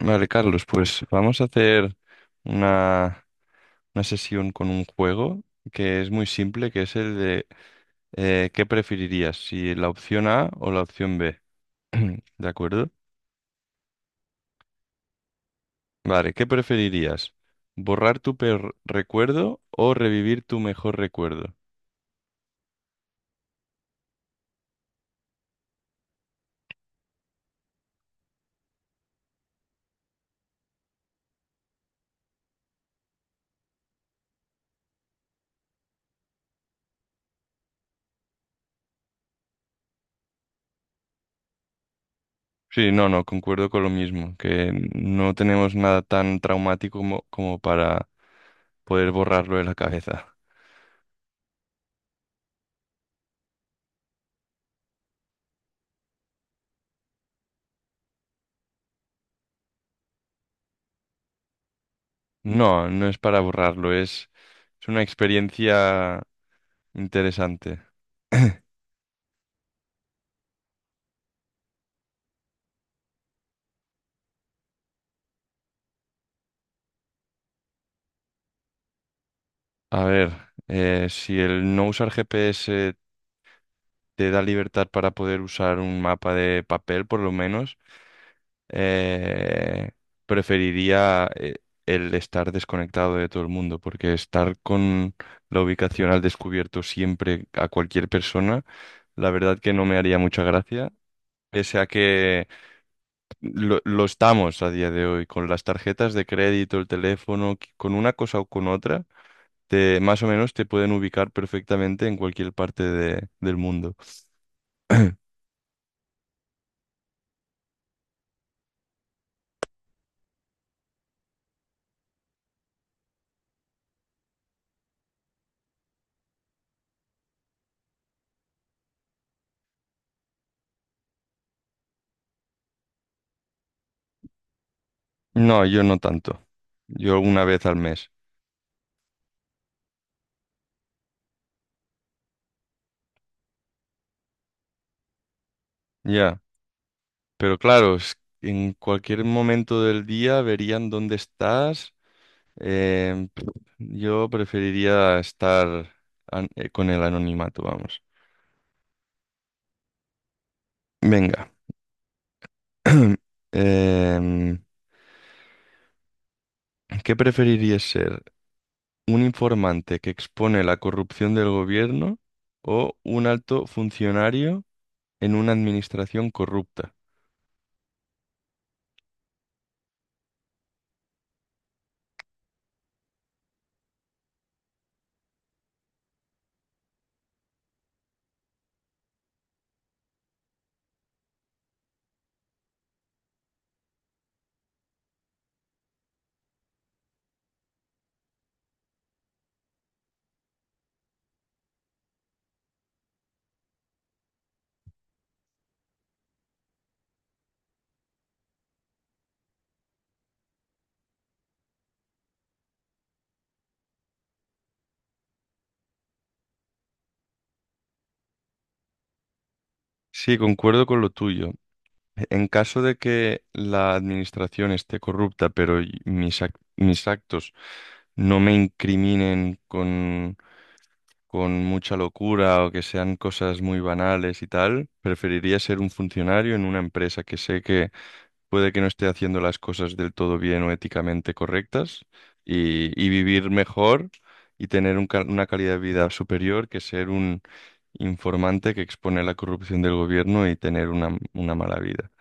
Vale, Carlos, pues vamos a hacer una, una sesión con un juego que es muy simple, que es el de ¿qué preferirías? Si ¿la opción A o la opción B? ¿De acuerdo? Vale, ¿qué preferirías? ¿Borrar tu peor recuerdo o revivir tu mejor recuerdo? Sí, no, no, concuerdo con lo mismo, que no tenemos nada tan traumático como para poder borrarlo de la cabeza. No, no es para borrarlo, es una experiencia interesante. A ver, si el no usar GPS te da libertad para poder usar un mapa de papel, por lo menos, eh, preferiría el estar desconectado de todo el mundo, porque estar con la ubicación al descubierto siempre a cualquier persona, la verdad que no me haría mucha gracia. Pese a que lo estamos a día de hoy con las tarjetas de crédito, el teléfono, con una cosa o con otra, te, más o menos te pueden ubicar perfectamente en cualquier parte del mundo. No, yo no tanto. Yo una vez al mes. Ya. Pero claro, en cualquier momento del día verían dónde estás. Em, pf, yo preferiría estar con el anonimato, vamos. Venga. Em, ¿Qué preferirías ser? ¿Un informante que expone la corrupción del gobierno o un alto funcionario en una administración corrupta? Sí, concuerdo con lo tuyo. En caso de que la administración esté corrupta, pero mis actos no me incriminen con mucha locura o que sean cosas muy banales y tal, preferiría ser un funcionario en una empresa que sé que puede que no esté haciendo las cosas del todo bien o éticamente correctas y vivir mejor y tener una calidad de vida superior que ser un informante que expone la corrupción del gobierno y tener una mala vida.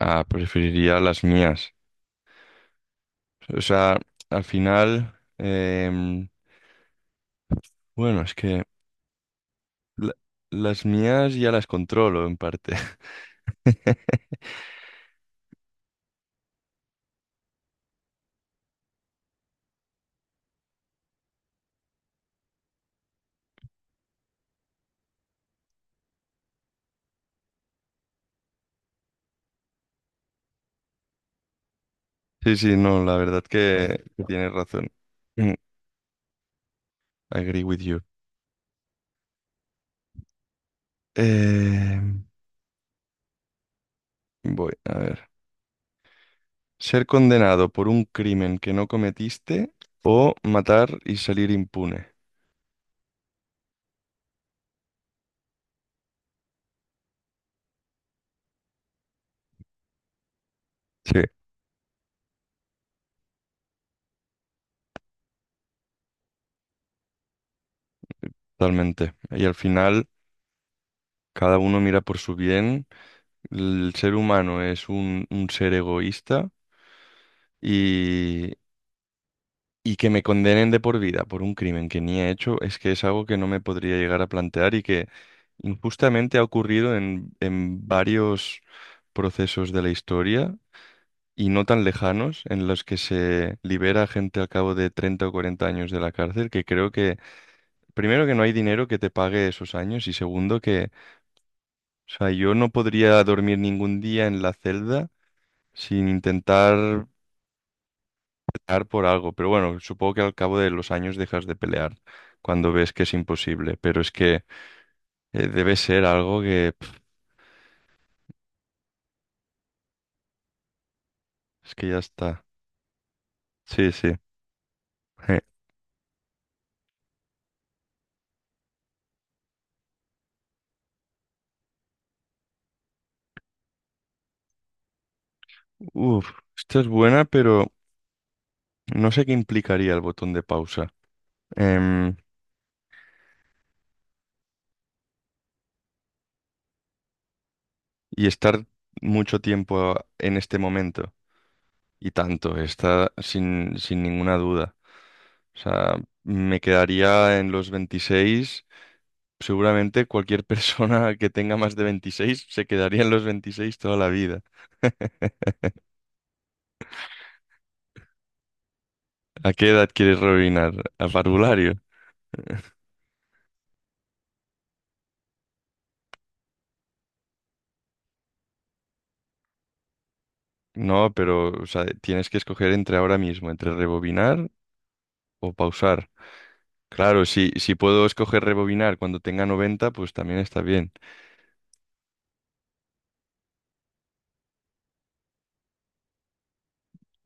Ah, preferiría las mías. O sea, al final, bueno, es que... La- las mías ya las controlo en parte. Sí, sí, no, la verdad que tienes razón. Mm, agree with you. Eh, voy, a ver. Ser condenado por un crimen que no cometiste o matar y salir impune. Sí, totalmente. Y al final, cada uno mira por su bien. El ser humano es un ser egoísta y, y que me condenen de por vida por un crimen que ni he hecho es que es algo que no me podría llegar a plantear y que justamente ha ocurrido en varios procesos de la historia y no tan lejanos, en los que se libera gente al cabo de 30 o 40 años de la cárcel, que creo que, primero, que no hay dinero que te pague esos años y segundo, que, o sea, yo no podría dormir ningún día en la celda sin intentar pelear por algo, pero bueno, supongo que al cabo de los años dejas de pelear cuando ves que es imposible, pero es que debe ser algo que, pf, es que ya está. Sí, sí. Uf, esta es buena, pero no sé qué implicaría el botón de pausa. Em, y estar mucho tiempo en este momento. Y tanto, está sin ninguna duda. O sea, me quedaría en los 26. Seguramente cualquier persona que tenga más de 26 se quedaría en los 26 toda la vida. ¿A qué edad quieres rebobinar? ¿A parvulario? No, pero o sea, tienes que escoger entre ahora mismo, entre rebobinar o pausar. Claro, si puedo escoger rebobinar cuando tenga 90, pues también está bien.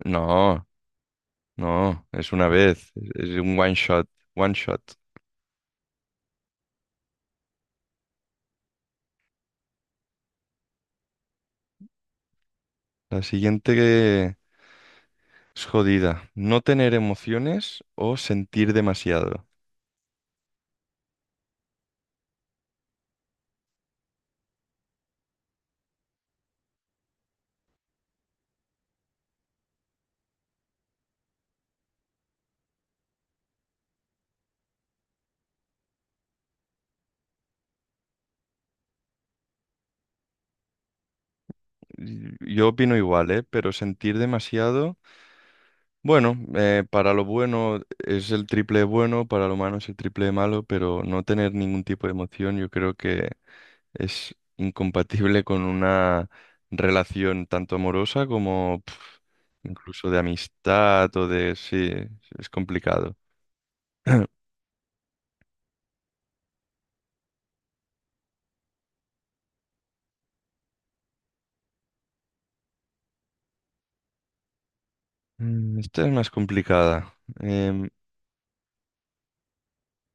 No, no, es una vez, es un one shot, one shot. La siguiente que es jodida: no tener emociones o sentir demasiado. Y- Yo opino igual, ¿eh? Pero sentir demasiado, bueno, para lo bueno es el triple de bueno, para lo malo es el triple de malo, pero no tener ningún tipo de emoción, yo creo que es incompatible con una relación tanto amorosa como, pf, incluso de amistad o de... Sí, es complicado. Mm, esta es más complicada.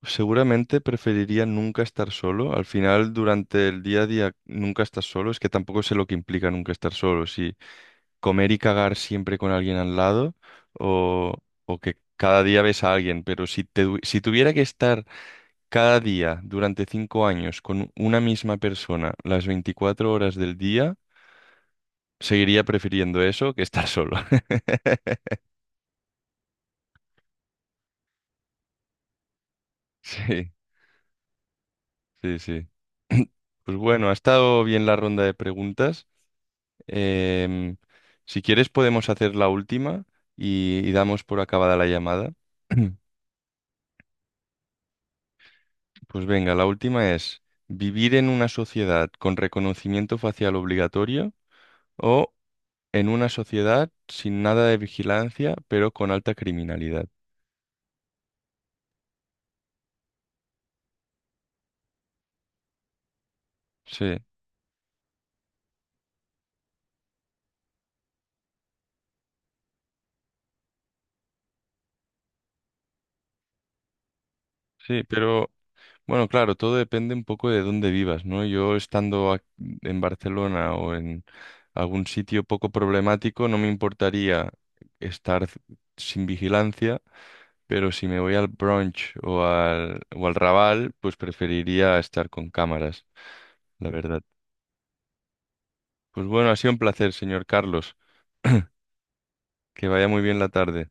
Seguramente preferiría nunca estar solo. Al final, durante el día a día, nunca estás solo. Es que tampoco sé lo que implica nunca estar solo. Si comer y cagar siempre con alguien al lado o, o que cada día ves a alguien. Pero si tuviera que estar cada día durante 5 años con una misma persona las 24 horas del día, seguiría prefiriendo eso que estar solo. Sí, sí, sí. Pues bueno, ha estado bien la ronda de preguntas. Em, si quieres podemos hacer la última y damos por acabada la llamada. Pues venga, la última es: ¿vivir en una sociedad con reconocimiento facial obligatorio o en una sociedad sin nada de vigilancia pero con alta criminalidad? Sí. Sí, pero bueno, claro, todo depende un poco de dónde vivas, ¿no? Yo estando en Barcelona o en algún sitio poco problemático, no me importaría estar sin vigilancia, pero si me voy al brunch o al Raval, pues preferiría estar con cámaras, la verdad. Pues bueno, ha sido un placer, señor Carlos. Que vaya muy bien la tarde.